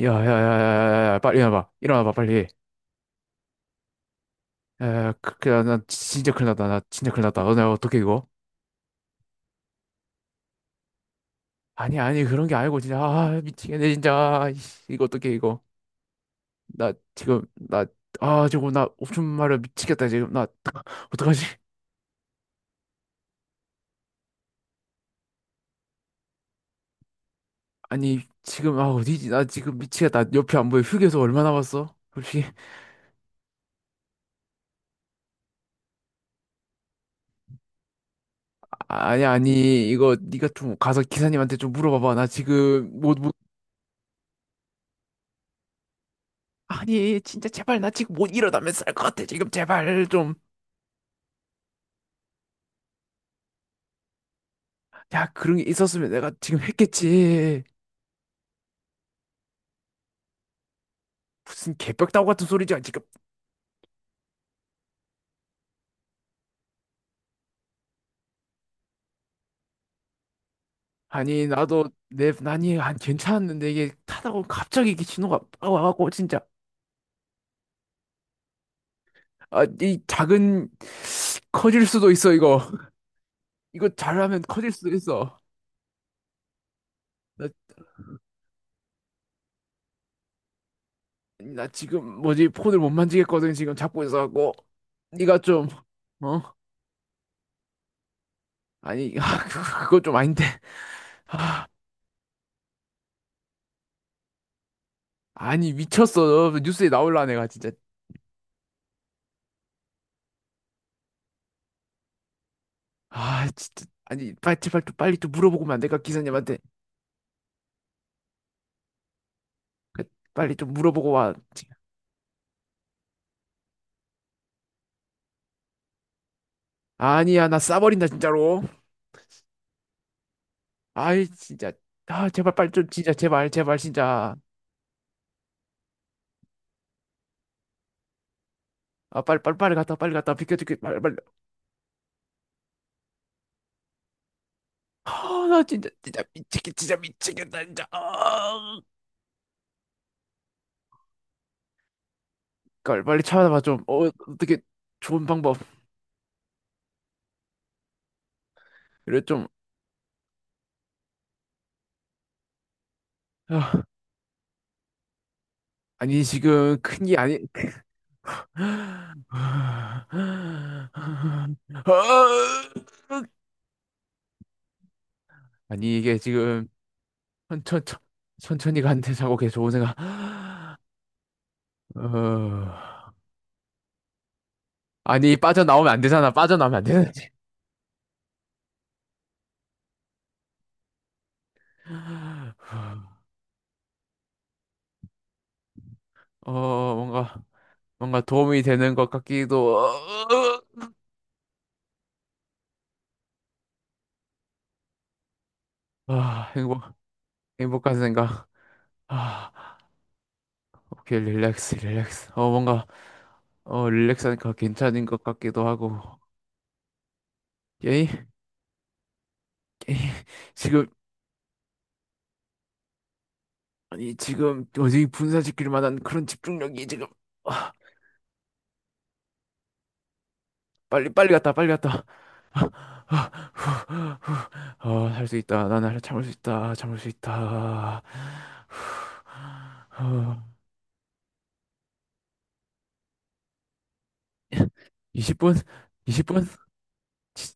야야야야야야 빨리 일어나봐, 일어나봐 빨리. 야야 그나 진짜 큰일 났다. 나 진짜 큰일 났다. 너내 어떻게 이거. 아니 그런 게 아니고 진짜. 미치겠네 진짜. 아이씨, 이거 어떻게 이거. 나 지금 나 저거 나 옵션 말려 미치겠다 지금 나. 어떡하지. 아니 지금. 어디지. 나 지금 미치겠다. 옆에 안 보여. 휴게소 얼마 남았어 혹시? 아, 아니 이거 네가 좀 가서 기사님한테 좀 물어봐봐. 나 지금 못. 아니 진짜 제발. 나 지금 못 일어나면 쌀것 같아 지금. 제발 좀. 야, 그런 게 있었으면 내가 지금 했겠지. 무슨 개벽다구 같은 소리지, 지금. 아니, 나도 내 난이 안 괜찮았는데 이게 타다가 갑자기 이게 신호가 빡 와갖고 진짜. 아, 이 작은. 커질 수도 있어, 이거. 이거 잘하면 커질 수도 있어. 나, 나 지금 뭐지, 폰을 못 만지겠거든, 지금 잡고 있어갖고. 네가 좀. 어? 아니, 그거 좀 아닌데. 아, 아니, 미쳤어. 뉴스에 나올라, 내가 진짜. 아, 진짜. 아니, 빨리, 제발 또 빨리 좀 물어보고 면 안 될까, 기사님한테? 그, 빨리 좀 물어보고 와, 진짜. 아니야, 나 싸버린다, 진짜로. 아이, 진짜. 아, 제발 빨리 좀, 진짜, 제발, 제발, 진짜. 아, 빨리, 빨리, 빨리 갔다 와, 빨리 갔다 와. 비켜, 비켜, 빨리, 빨리. 아, 나 진짜, 진짜 미치겠다, 진짜. 아, 빨리, 빨리 찾아봐 좀. 어, 어떻게. 좋은 방법. 그래, 좀. 아, 아니, 지금 큰 게 아니. 아니, 이게 지금. 천천, 천, 천천히 간대 자고 걔 좋은 생각. 어... 아니 빠져나오면 안 되잖아. 빠져나오면 안 되는 지. 어, 뭔가 뭔가 도움이 되는 것 같기도. 아, 행복한 생각. 아, 오케이 릴렉스 릴렉스. 어 뭔가. 어 릴렉스하니까 괜찮은 것 같기도 하고. 예? 지금. 아니 지금 어디 분산시킬 만한 그런 집중력이 지금. 아, 빨리 빨리 갔다, 빨리 갔다. 어, 할 수 있다. 나는 참을 수 있다. 참을 수 있다. 어, 20분? 20분? 지,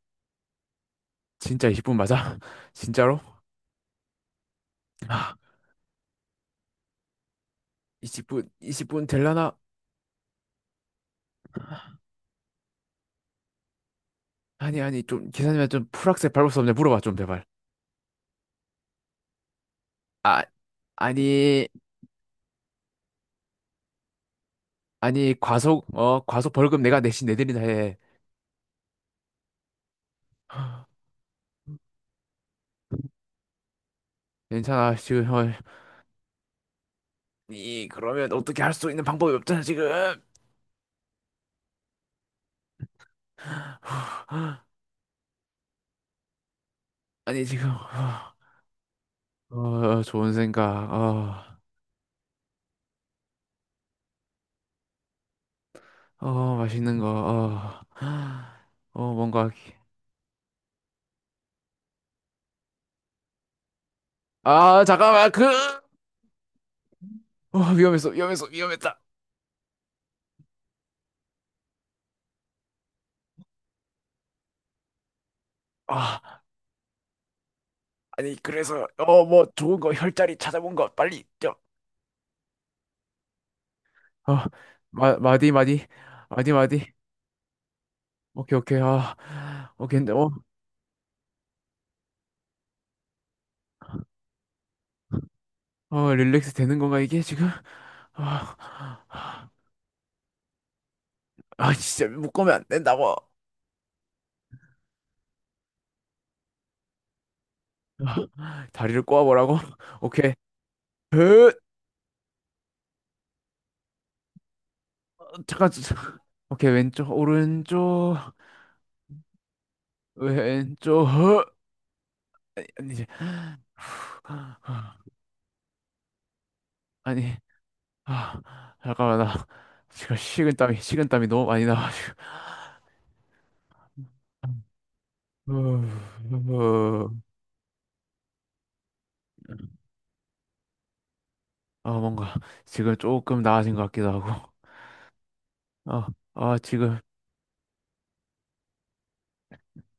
진짜 20분 맞아? 진짜로? 아, 20분, 20분 될라나? 아니, 아니, 좀, 기사님한테 좀 풀악세 밟을 수 없냐 물어봐 좀, 제발. 아, 아니, 아니, 과속, 어, 과속 벌금 내가 내신 내드린다 해. 괜찮아, 지금, 어. 이, 그러면 어떻게 할 수 있는 방법이 없잖아, 지금. 아니, 지금. 어. 어, 어, 좋은 생각. 어, 어, 맛있는 거. 어, 어, 뭔가. 기- 아, 잠깐만. 그, 어, 위험했어, 위험했어, 위험했다. 아, 아니, 그래서, 어, 뭐, 좋은 거, 혈자리 찾아본 거, 빨리. 저, 어, 마, 마디, 마디. 마디, 마디. 오케이, 오케이. 아, 오케이. 근데, 어, 어, 릴렉스 되는 건가, 이게 지금? 아, 아, 진짜 묶으면 안 된다고. 다리를 꼬아보라고? 오케이. 으, 잠깐, 잠깐. 오케이, 왼쪽, 오른쪽. 왼쪽 허- 아니 이제. 아니. 아, 잠깐만. 나 지금 식은땀이 너무 많이 나가지고. 후, 아 뭔가 지금 조금 나아진 것 같기도 하고. 아아 지금.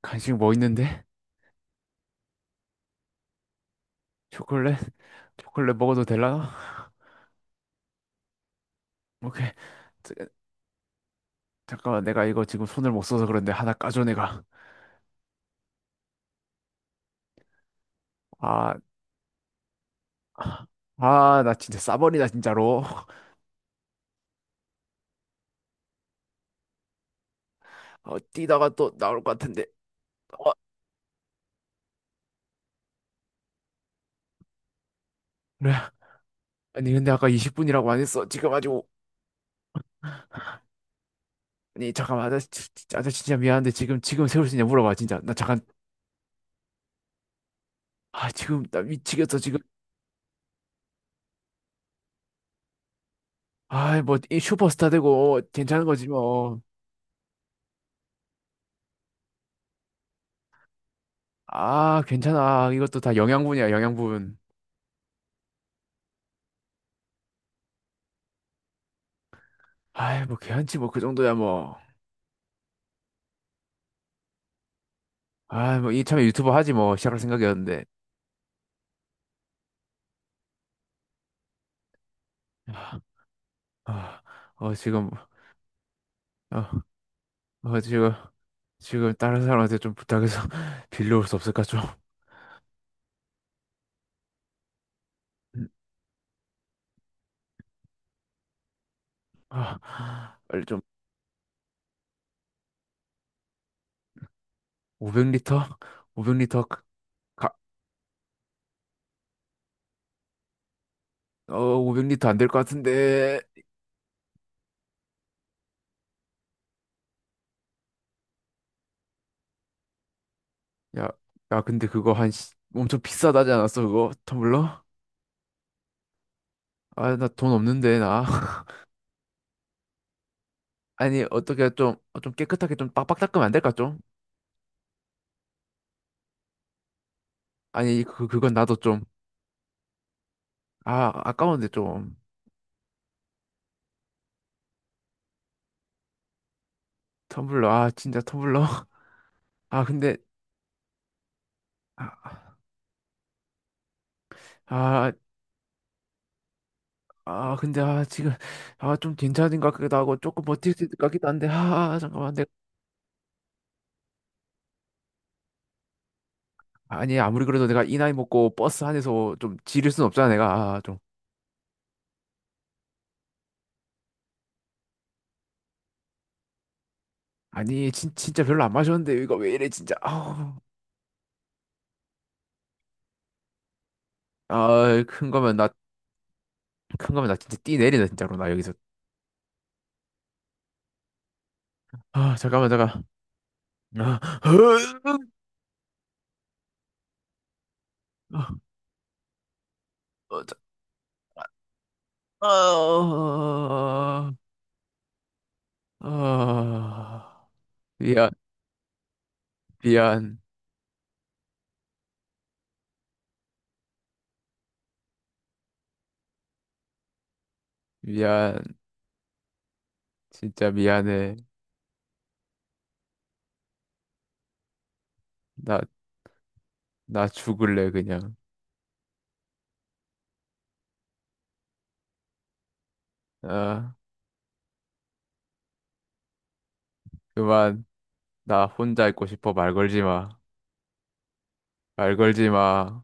간식 뭐 있는데. 초콜릿. 초콜릿 먹어도 될라나. 오케이. 자, 잠깐만 내가 이거 지금 손을 못 써서 그런데 하나 까줘, 내가. 아. 아 나 진짜 싸버리다 진짜로. 어 뛰다가 또 나올 것 같은데. 어, 그래. 아니 근데 아까 20분이라고 안 했어 지금? 아주 오- 아니 잠깐만 아저씨 진짜, 아저씨 진짜 미안한데 지금 지금 세울 수 있냐 물어봐, 진짜. 나 잠깐. 아 지금 나 미치겠어 지금. 아뭐 슈퍼스타 되고, 어, 괜찮은 거지 뭐. 아 괜찮아, 이것도 다 영양분이야, 영양분. 아이 뭐 괜찮지 뭐, 그 정도야 뭐. 아이 뭐 이참에 유튜버 하지 뭐, 시작할 생각이었는데. 아, 아, 어 지금. 어, 어 지금. 지금 다른 사람한테 좀 부탁해서 빌려올 수 없을까 좀. 아, 빨리 좀. 500리터? 500리터. 가, 어, 500리터 안될 것 같은데. 야, 야, 근데 그거 한 시- 엄청 비싸다지 않았어, 그거? 텀블러? 아, 나 돈 없는데, 나. 아니, 어떻게 좀, 어, 좀 깨끗하게 좀 빡빡 닦으면 안 될까, 좀? 아니, 그건 나도 좀. 아, 아까운데, 좀. 텀블러, 아, 진짜 텀블러. 아, 근데, 아, 아, 아, 근데, 아, 지금, 아, 좀 괜찮은 것 같기도 하고, 조금 버틸 수 있을 것 같기도 한데, 아, 잠깐만. 아니 아무리 그래도 내가 이 나이 먹고 버스 안에서 좀 지릴 순 없잖아, 내가. 아, 좀. 아니 진짜 별로 안 마셨는데 이거 왜 이래 진짜. 아. 아 큰 거면 나. 큰 거면 나 진짜 띠 내리네 진짜로, 나 여기서. 아 잠깐만 잠깐. 아, 아, 어, 자- 아, 아, 아. 미안. 미안. 미안. 진짜 미안해. 나. 나 죽을래 그냥. 아 그만. 나 혼자 있고 싶어. 말 걸지 마. 말 걸지 마.